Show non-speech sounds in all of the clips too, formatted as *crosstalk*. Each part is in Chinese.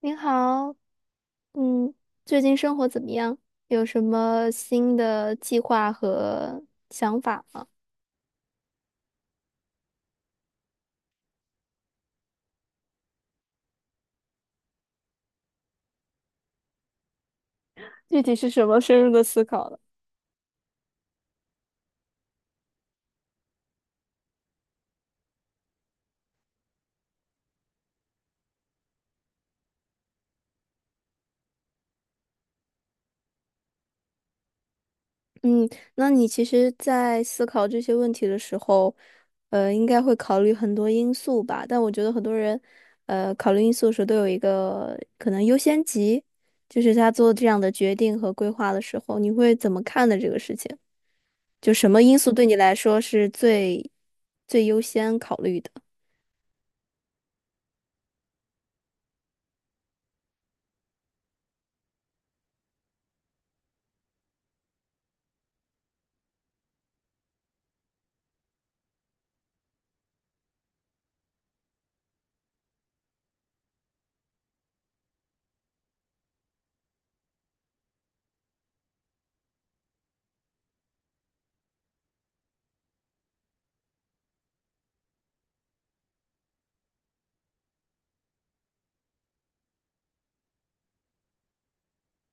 您好，嗯，最近生活怎么样？有什么新的计划和想法吗？具体是什么深入的思考了？嗯，那你其实，在思考这些问题的时候，应该会考虑很多因素吧？但我觉得很多人，考虑因素的时候都有一个可能优先级，就是他做这样的决定和规划的时候，你会怎么看的这个事情？就什么因素对你来说是最优先考虑的？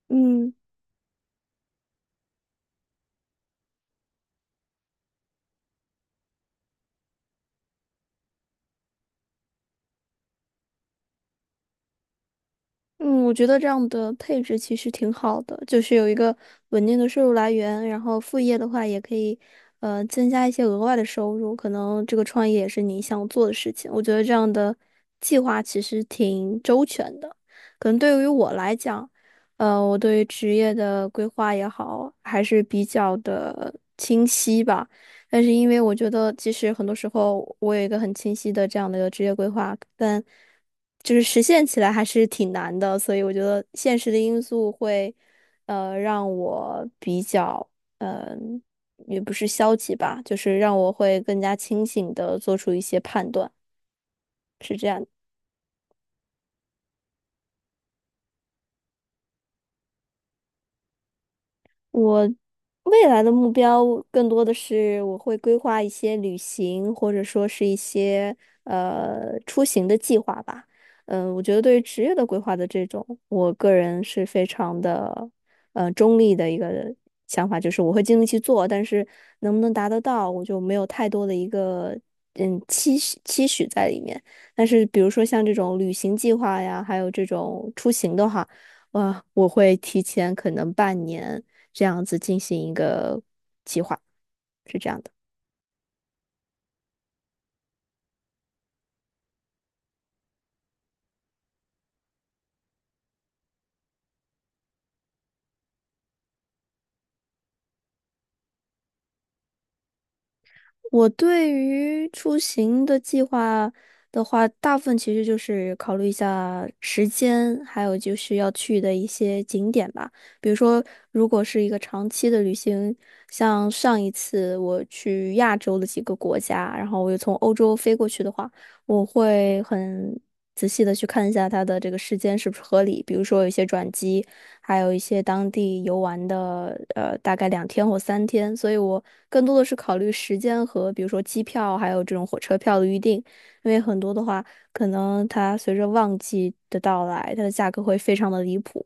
嗯。嗯，我觉得这样的配置其实挺好的，就是有一个稳定的收入来源，然后副业的话也可以，增加一些额外的收入，可能这个创业也是你想做的事情。我觉得这样的计划其实挺周全的，可能对于我来讲，我对于职业的规划也好，还是比较的清晰吧。但是因为我觉得，其实很多时候我有一个很清晰的这样的一个职业规划，但就是实现起来还是挺难的，所以我觉得现实的因素会，让我比较，嗯、也不是消极吧，就是让我会更加清醒的做出一些判断。未来的目标更多的是我会规划一些旅行，或者说是一些出行的计划吧。嗯、我觉得对于职业的规划的这种，我个人是非常的中立的一个想法，就是我会尽力去做，但是能不能达得到，我就没有太多的一个期许在里面。但是比如说像这种旅行计划呀，还有这种出行的话。哇，我会提前可能半年这样子进行一个计划，是这样的。我对于出行的计划的话，大部分其实就是考虑一下时间，还有就是要去的一些景点吧。比如说，如果是一个长期的旅行，像上一次我去亚洲的几个国家，然后我又从欧洲飞过去的话，我会很仔细的去看一下它的这个时间是不是合理，比如说有一些转机。还有一些当地游玩的，呃，大概两天或三天，所以我更多的是考虑时间和比如说机票，还有这种火车票的预订，因为很多的话，可能它随着旺季的到来，它的价格会非常的离谱，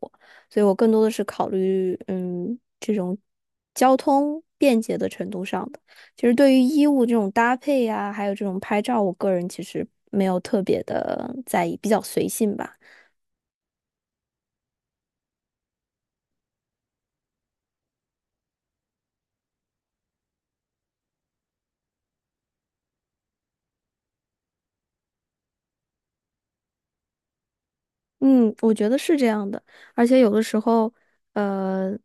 所以我更多的是考虑，嗯，这种交通便捷的程度上的。其实对于衣物这种搭配呀、还有这种拍照，我个人其实没有特别的在意，比较随性吧。嗯，我觉得是这样的，而且有的时候，呃，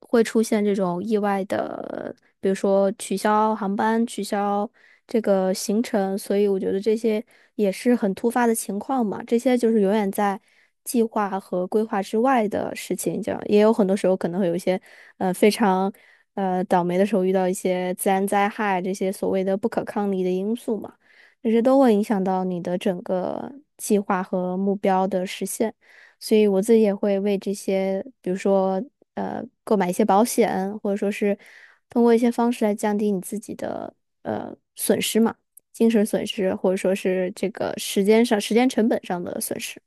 会出现这种意外的，比如说取消航班、取消这个行程，所以我觉得这些也是很突发的情况嘛，这些就是永远在计划和规划之外的事情，这样也有很多时候可能会有一些，非常，倒霉的时候遇到一些自然灾害这些所谓的不可抗力的因素嘛。这些都会影响到你的整个计划和目标的实现。所以我自己也会为这些，比如说购买一些保险，或者说是通过一些方式来降低你自己的损失嘛，精神损失，或者说是这个时间上、时间成本上的损失，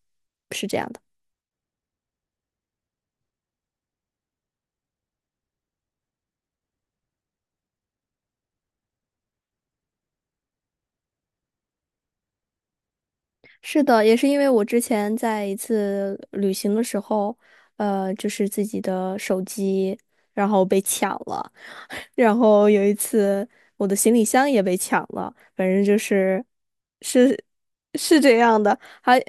是这样的。是的，也是因为我之前在一次旅行的时候，就是自己的手机，然后被抢了，*laughs* 然后有一次我的行李箱也被抢了，反正就是是是这样的，还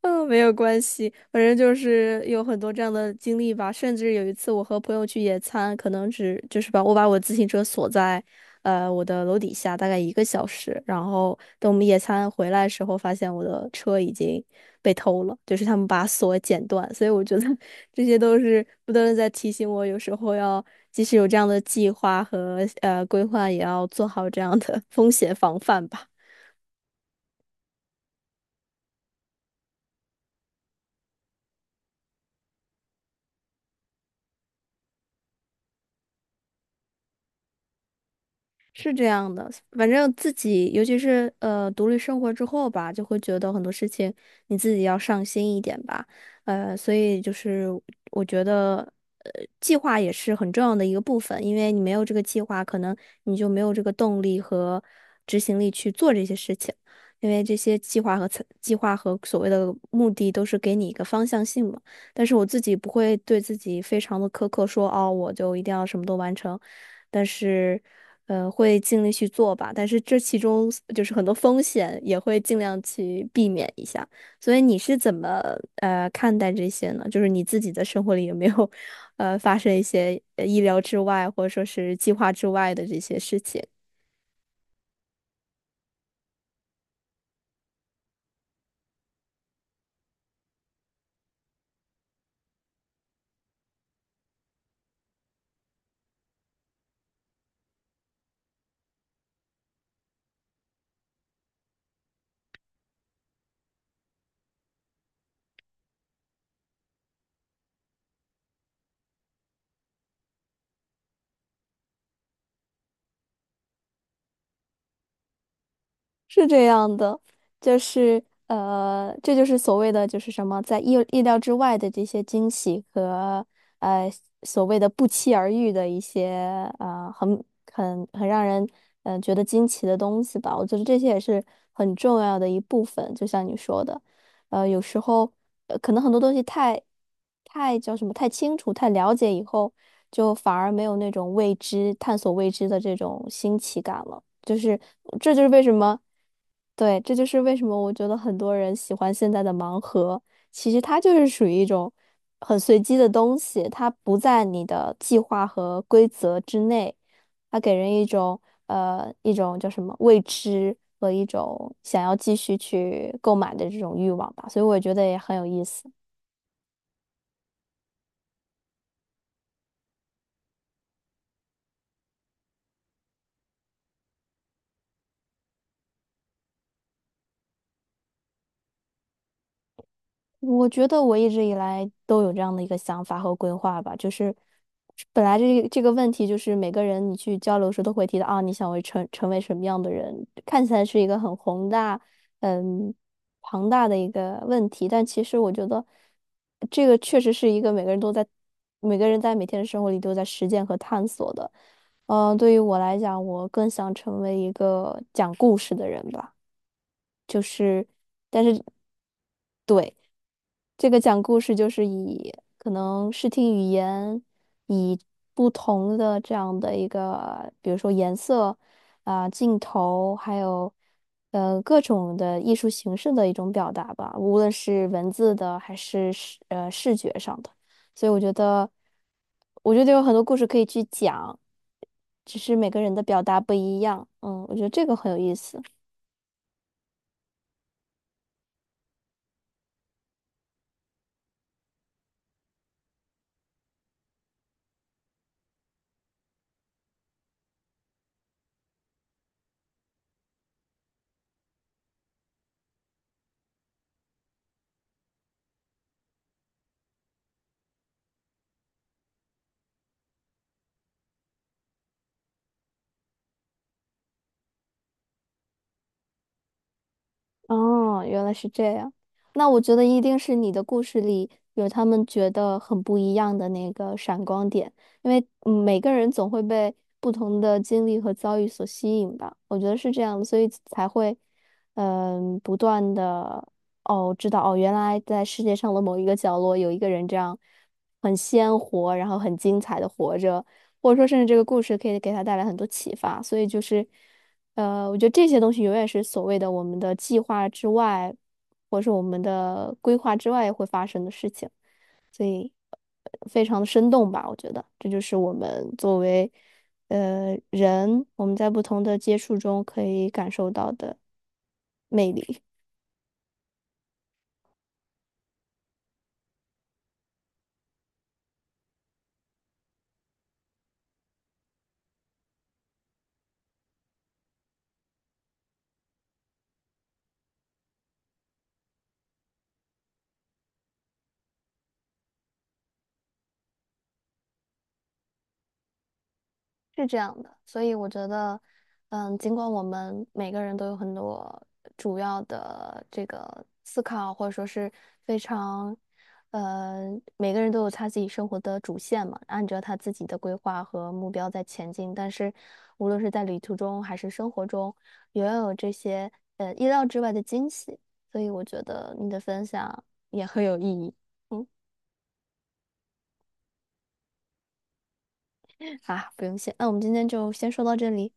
嗯，没有关系，反正就是有很多这样的经历吧。甚至有一次，我和朋友去野餐，可能只就是把我自行车锁在，我的楼底下大概一个小时，然后等我们野餐回来的时候，发现我的车已经被偷了，就是他们把锁剪断。所以我觉得 *laughs* 这些都是不断的在提醒我，有时候要即使有这样的计划和规划，也要做好这样的 *laughs* 风险防范吧。是这样的，反正自己，尤其是独立生活之后吧，就会觉得很多事情你自己要上心一点吧，所以就是我觉得，呃，计划也是很重要的一个部分，因为你没有这个计划，可能你就没有这个动力和执行力去做这些事情，因为这些计划和所谓的目的都是给你一个方向性嘛。但是我自己不会对自己非常的苛刻说，哦，我就一定要什么都完成。但是，会尽力去做吧。但是这其中就是很多风险，也会尽量去避免一下。所以你是怎么看待这些呢？就是你自己的生活里有没有发生一些意料之外，或者说是计划之外的这些事情？是这样的，就是这就是所谓的就是什么，在意料之外的这些惊喜和呃所谓的不期而遇的一些很很让人觉得惊奇的东西吧。我觉得这些也是很重要的一部分，就像你说的。呃，有时候可能很多东西太叫什么太清楚、太了解以后，就反而没有那种未知、探索未知的这种新奇感了。就是这就是为什么，对，这就是为什么我觉得很多人喜欢现在的盲盒，其实它就是属于一种很随机的东西，它不在你的计划和规则之内。它给人一种一种叫什么未知和一种想要继续去购买的这种欲望吧，所以我觉得也很有意思。我觉得我一直以来都有这样的一个想法和规划吧，就是本来这个问题就是每个人你去交流的时候都会提到啊，你想为成为什么样的人，看起来是一个很宏大、嗯庞大的一个问题，但其实我觉得这个确实是一个每个人在每天的生活里都在实践和探索的。呃，对于我来讲，我更想成为一个讲故事的人吧。就是。对。这个讲故事就是以可能视听语言，以不同的这样的一个，比如说颜色啊、镜头，还有各种的艺术形式的一种表达吧，无论是文字的还是视觉上的。所以我觉得，我觉得有很多故事可以去讲，只是每个人的表达不一样。嗯，我觉得这个很有意思。哦，原来是这样。那我觉得一定是你的故事里有他们觉得很不一样的那个闪光点，因为每个人总会被不同的经历和遭遇所吸引吧。我觉得是这样的所以才会不断的哦知道哦，原来在世界上的某一个角落有一个人这样很鲜活，然后很精彩的活着，或者说甚至这个故事可以给他带来很多启发。所以就是。呃，我觉得这些东西永远是所谓的我们的计划之外，或者是我们的规划之外会发生的事情，所以非常的生动吧，我觉得这就是我们作为人，我们在不同的接触中可以感受到的魅力。是这样的，所以我觉得，嗯，尽管我们每个人都有很多主要的这个思考，或者说是非常，呃，每个人都有他自己生活的主线嘛，按照他自己的规划和目标在前进。但是，无论是在旅途中还是生活中，也要有这些意料之外的惊喜。所以，我觉得你的分享也很有意义。嗯，啊，不用谢，那我们今天就先说到这里。